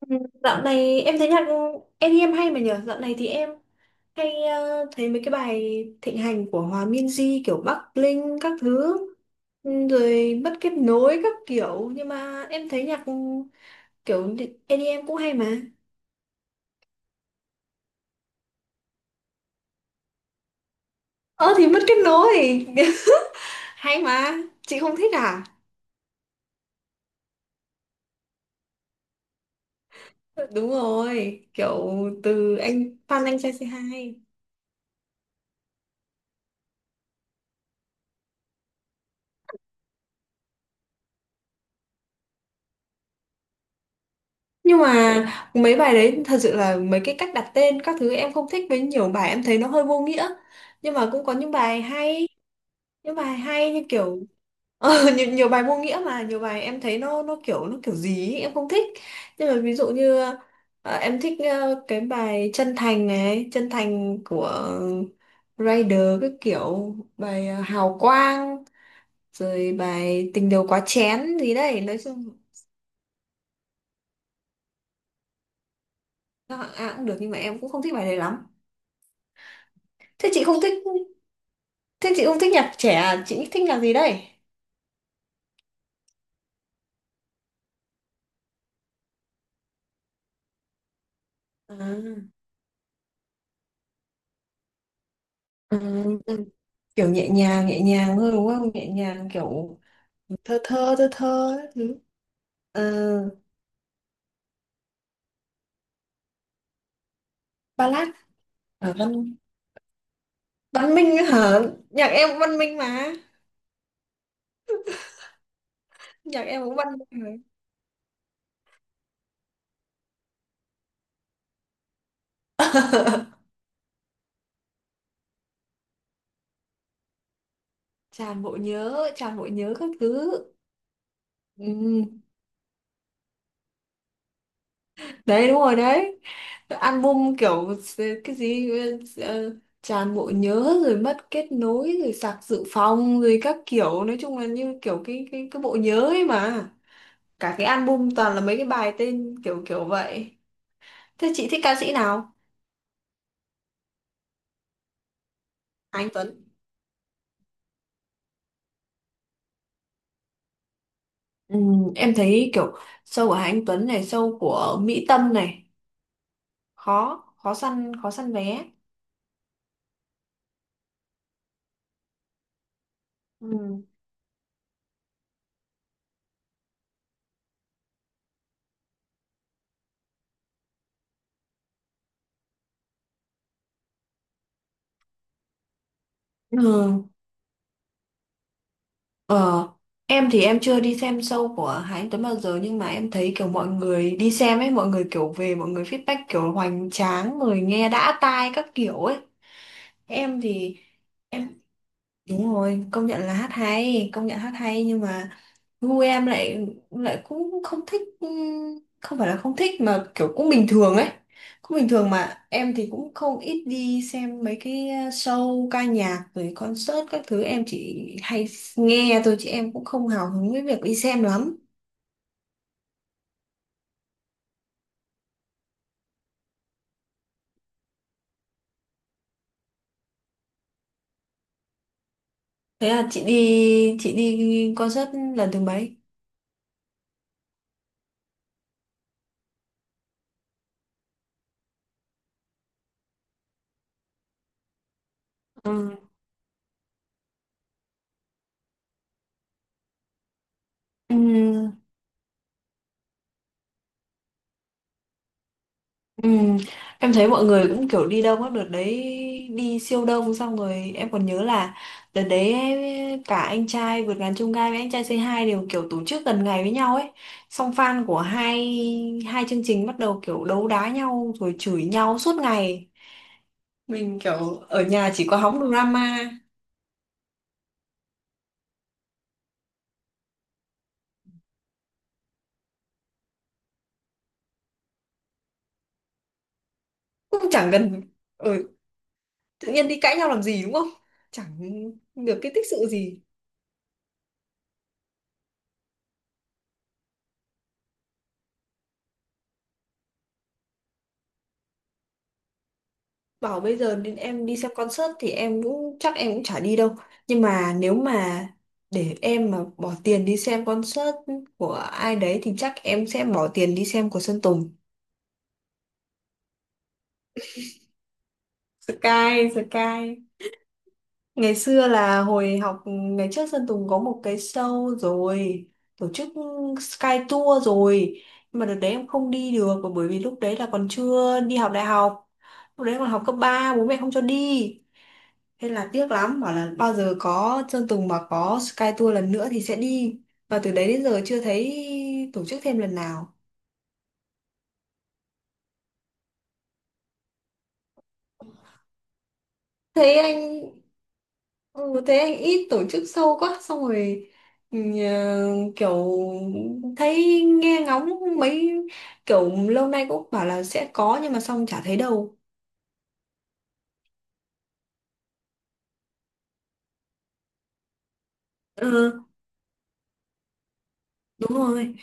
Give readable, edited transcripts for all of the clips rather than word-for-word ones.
Ừ, dạo này em thấy nhạc i đi em hay mà nhở. Dạo này thì em hay thấy mấy cái bài thịnh hành của Hòa Minzy kiểu Bắc Linh các thứ, rồi mất kết nối các kiểu, nhưng mà em thấy nhạc kiểu i đi em cũng hay mà. Ờ thì mất kết nối hay mà, chị không thích à? Đúng rồi, kiểu từ anh Phan Anh Trai C2. Nhưng mà mấy bài đấy thật sự là mấy cái cách đặt tên các thứ em không thích, với nhiều bài em thấy nó hơi vô nghĩa. Nhưng mà cũng có những bài hay như kiểu nhiều, nhiều bài vô nghĩa, mà nhiều bài em thấy nó kiểu nó kiểu gì ấy, em không thích. Nhưng mà ví dụ như em thích cái bài Chân Thành này, Chân Thành của Rider, cái kiểu bài Hào Quang, rồi bài Tình Đầu Quá Chén gì đấy. Nói chung các hạng A cũng được, nhưng mà em cũng không thích bài đấy lắm. Thế chị không thích Thế chị không thích nhạc trẻ à? Chị thích nhạc gì đây? À, ừ, kiểu nhẹ nhàng, nhẹ nhàng thôi đúng không, nhẹ nhàng kiểu thơ, thơ thơ thơ các thứ. Ờ, ballad. Văn, văn minh hả? Nhạc em cũng văn minh mà. Nhạc em cũng văn minh mà. Tràn bộ nhớ, tràn bộ nhớ các thứ. Ừ, đấy đúng rồi đấy. Album kiểu cái gì, ờ, tràn bộ nhớ rồi mất kết nối rồi sạc dự phòng rồi các kiểu. Nói chung là như kiểu cái, cái bộ nhớ ấy mà. Cả cái album toàn là mấy cái bài tên kiểu kiểu vậy. Thế chị thích ca sĩ nào? Hà Anh Tuấn. Em thấy kiểu show của Hà Anh Tuấn này, show của Mỹ Tâm này, khó, khó săn vé. Ừ. Ừ. Ờ, em thì em chưa đi xem show của Hà Anh Tuấn bao giờ, nhưng mà em thấy kiểu mọi người đi xem ấy, mọi người kiểu về, mọi người feedback kiểu hoành tráng, người nghe đã tai các kiểu ấy. Em thì em đúng rồi, công nhận là hát hay, công nhận hát hay, nhưng mà gu em lại lại cũng không thích. Ừ, không phải là không thích mà kiểu cũng bình thường ấy, cũng bình thường. Mà em thì cũng không ít đi xem mấy cái show ca nhạc rồi concert các thứ, em chỉ hay nghe thôi chứ em cũng không hào hứng với việc đi xem lắm. Thế là chị đi, chị đi concert lần thứ mấy? Ừ. Ừ. Ừ, em thấy mọi người cũng kiểu đi đông á đợt đấy, đi siêu đông. Xong rồi em còn nhớ là đợt đấy cả Anh Trai Vượt Ngàn Chông Gai với Anh Trai C2 đều kiểu tổ chức gần ngày với nhau ấy, xong fan của hai hai chương trình bắt đầu kiểu đấu đá nhau rồi chửi nhau suốt ngày. Mình kiểu ở nhà chỉ có hóng drama. Cũng chẳng cần ở tự nhiên đi cãi nhau làm gì đúng không, chẳng được cái tích sự gì. Bảo bây giờ đến em đi xem concert thì em cũng, chắc em cũng chả đi đâu, nhưng mà nếu mà để em mà bỏ tiền đi xem concert của ai đấy thì chắc em sẽ bỏ tiền đi xem của Sơn Tùng. Sky. Sky. Ngày xưa là hồi học, ngày trước Sơn Tùng có một cái show rồi, tổ chức Sky Tour rồi, nhưng mà đợt đấy em không đi được bởi vì lúc đấy là còn chưa đi học đại học, lúc đấy còn học cấp ba, bố mẹ không cho đi. Thế là tiếc lắm, bảo là bao giờ có Sơn Tùng mà có Sky Tour lần nữa thì sẽ đi. Và từ đấy đến giờ chưa thấy tổ chức thêm lần nào. Thấy anh, ừ, thấy anh ít tổ chức sâu quá, xong rồi ừ, kiểu thấy nghe ngóng mấy kiểu lâu nay cũng bảo là sẽ có nhưng mà xong chả thấy đâu. Ừ, đúng rồi.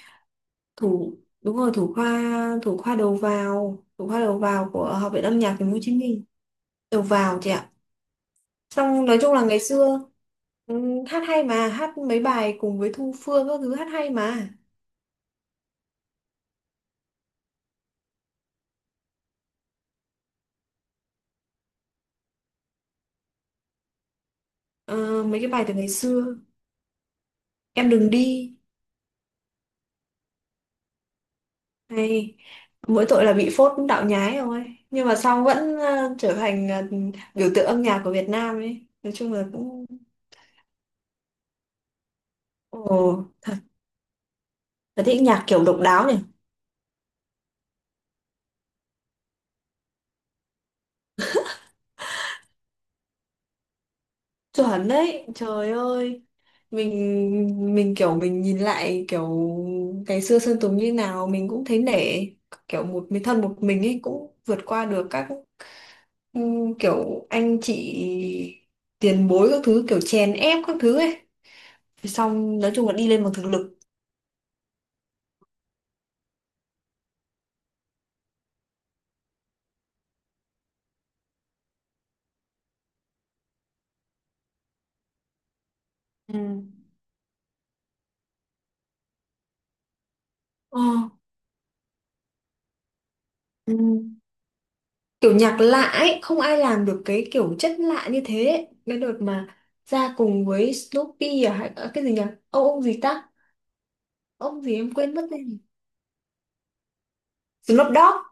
Thủ, đúng rồi, thủ khoa, thủ khoa đầu vào của Học viện Âm nhạc Thành phố Hồ Chí Minh. Đầu vào chị ạ. Xong nói chung là ngày xưa, ừ, hát hay mà, hát mấy bài cùng với Thu Phương các thứ, hát hay mà. Ờ, mấy cái bài từ ngày xưa. Em đừng đi này, mỗi tội là bị phốt đạo nhái rồi, nhưng mà sau vẫn trở thành biểu tượng âm nhạc của Việt Nam ấy, nói chung là cũng. Ồ, là thích nhạc kiểu độc đáo nhỉ. Chuẩn đấy, trời ơi. Mình kiểu mình nhìn lại kiểu ngày xưa Sơn Tùng như nào mình cũng thấy nể, kiểu một mình thân một mình ấy cũng vượt qua được các, ừ, kiểu anh chị tiền bối các thứ kiểu chèn ép các thứ ấy. Thì xong nói chung là đi lên bằng thực lực. Ừ. Ờ. Ừ. Kiểu nhạc lạ ấy, không ai làm được cái kiểu chất lạ như thế ấy. Cái đợt mà ra cùng với Snoopy à, hay à, cái gì nhỉ, ông gì ta, ông gì em quên mất tên rồi. Snoop Dogg.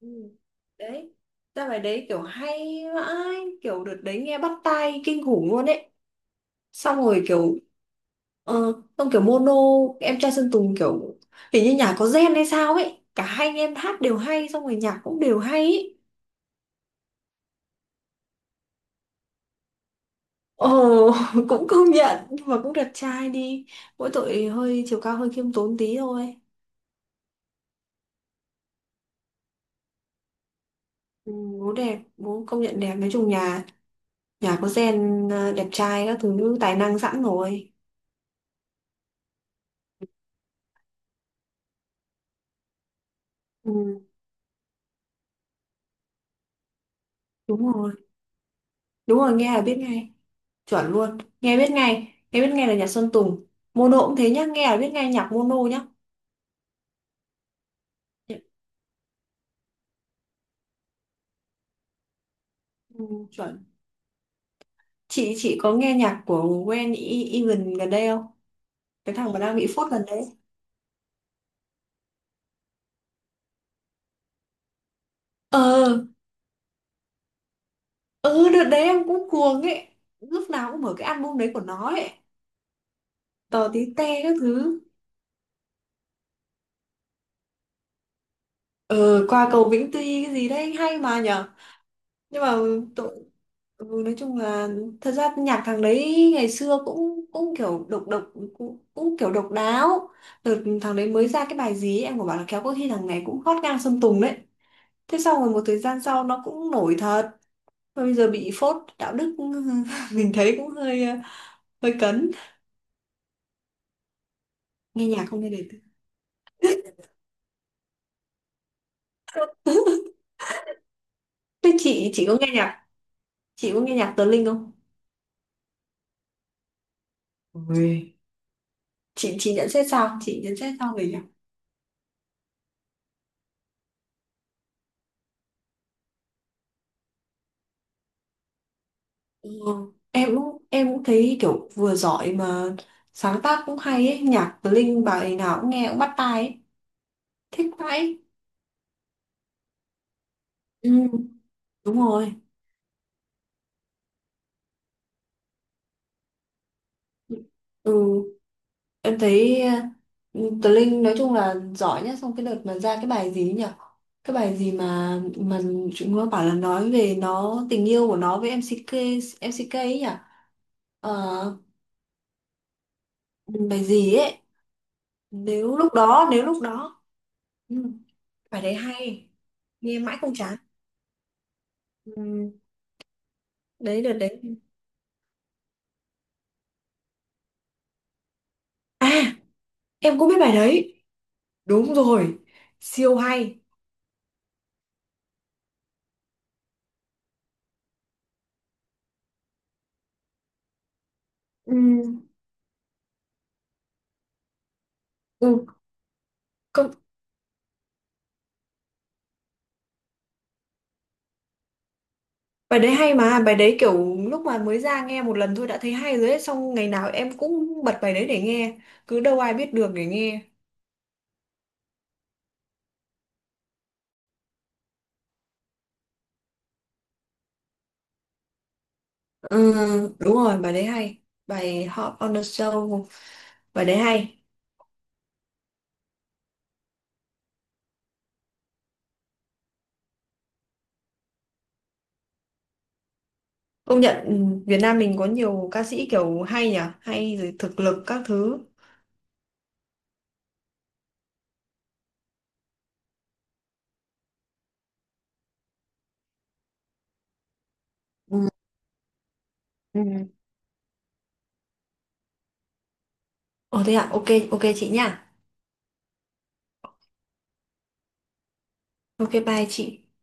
Ừ. Đấy, ra bài đấy kiểu hay vãi, kiểu đợt đấy nghe bắt tai kinh khủng luôn ấy. Xong rồi kiểu xong kiểu Mono, em trai Sơn Tùng, kiểu hình như nhà có gen hay sao ấy, cả hai anh em hát đều hay, xong rồi nhạc cũng đều hay ấy. Ồ, cũng công nhận, nhưng mà cũng đẹp trai đi, mỗi tội hơi, chiều cao hơi khiêm tốn tí thôi. Ừ, bố đẹp, bố công nhận đẹp. Nói chung nhà, nhà có gen à, đẹp trai các thứ, tài năng sẵn rồi. Ừ, đúng rồi. Đúng rồi, nghe là biết ngay. Chuẩn luôn, nghe biết ngay, nghe biết ngay là nhạc Sơn Tùng. Mono cũng thế nhá, nghe là biết ngay nhạc Mono nhá. Ừ, chuẩn. Chị có nghe nhạc của Gwen E- Egan gần đây không? Cái thằng mà đang bị phốt gần đấy. Ờ, ừ, đợt đấy em cũng cuồng ấy. Lúc nào cũng mở cái album đấy của nó ấy. Tò tí te các thứ. Ờ, qua cầu Vĩnh Tuy cái gì đấy hay mà nhở. Nhưng mà tội, ừ, nói chung là thật ra nhạc thằng đấy ngày xưa cũng cũng kiểu độc độc cũng kiểu độc đáo. Đợt thằng đấy mới ra cái bài gì ấy, em có bảo là kéo có khi thằng này cũng hot ngang Sơn Tùng đấy. Thế sau rồi một thời gian sau nó cũng nổi thật. Mà bây giờ bị phốt đạo đức mình thấy cũng hơi hơi cấn. Nghe nhạc không nghe đời tư. Thế chị có nghe nhạc, chị có nghe nhạc Tờ Linh không? Ôi. Chị nhận xét sao, chị nhận xét sao về nhạc. Ừ. em cũng thấy kiểu vừa giỏi mà sáng tác cũng hay ấy, nhạc Tờ Linh bài nào cũng nghe cũng bắt tai ấy. Thích vãi. Ừ, đúng rồi. Ừ. Em thấy Tờ Linh nói chung là giỏi nhất. Xong cái đợt mà ra cái bài gì ấy nhỉ? Cái bài gì mà, chúng nó bảo là nói về nó, tình yêu của nó với MCK, MCK ấy nhỉ? Ờ, bài gì ấy? Nếu lúc đó, nếu lúc đó. Ừ. Bài đấy hay, nghe mãi không chán. Ừ, đấy đợt đấy. À, em cũng biết bài đấy. Đúng rồi, siêu hay. Ừ. Ừ. Có. Bài đấy hay mà, bài đấy kiểu lúc mà mới ra nghe một lần thôi đã thấy hay rồi ấy, xong ngày nào em cũng bật bài đấy để nghe, cứ "đâu ai biết được" để nghe. Ừ, đúng rồi, bài đấy hay, bài Hot on the Show, bài đấy hay. Công nhận, ừ, Việt Nam mình có nhiều ca sĩ kiểu hay nhỉ, hay rồi thực lực các thứ. Ừ. Ừ. Ồ thế ạ, ok, ok chị nha. Ok bye chị.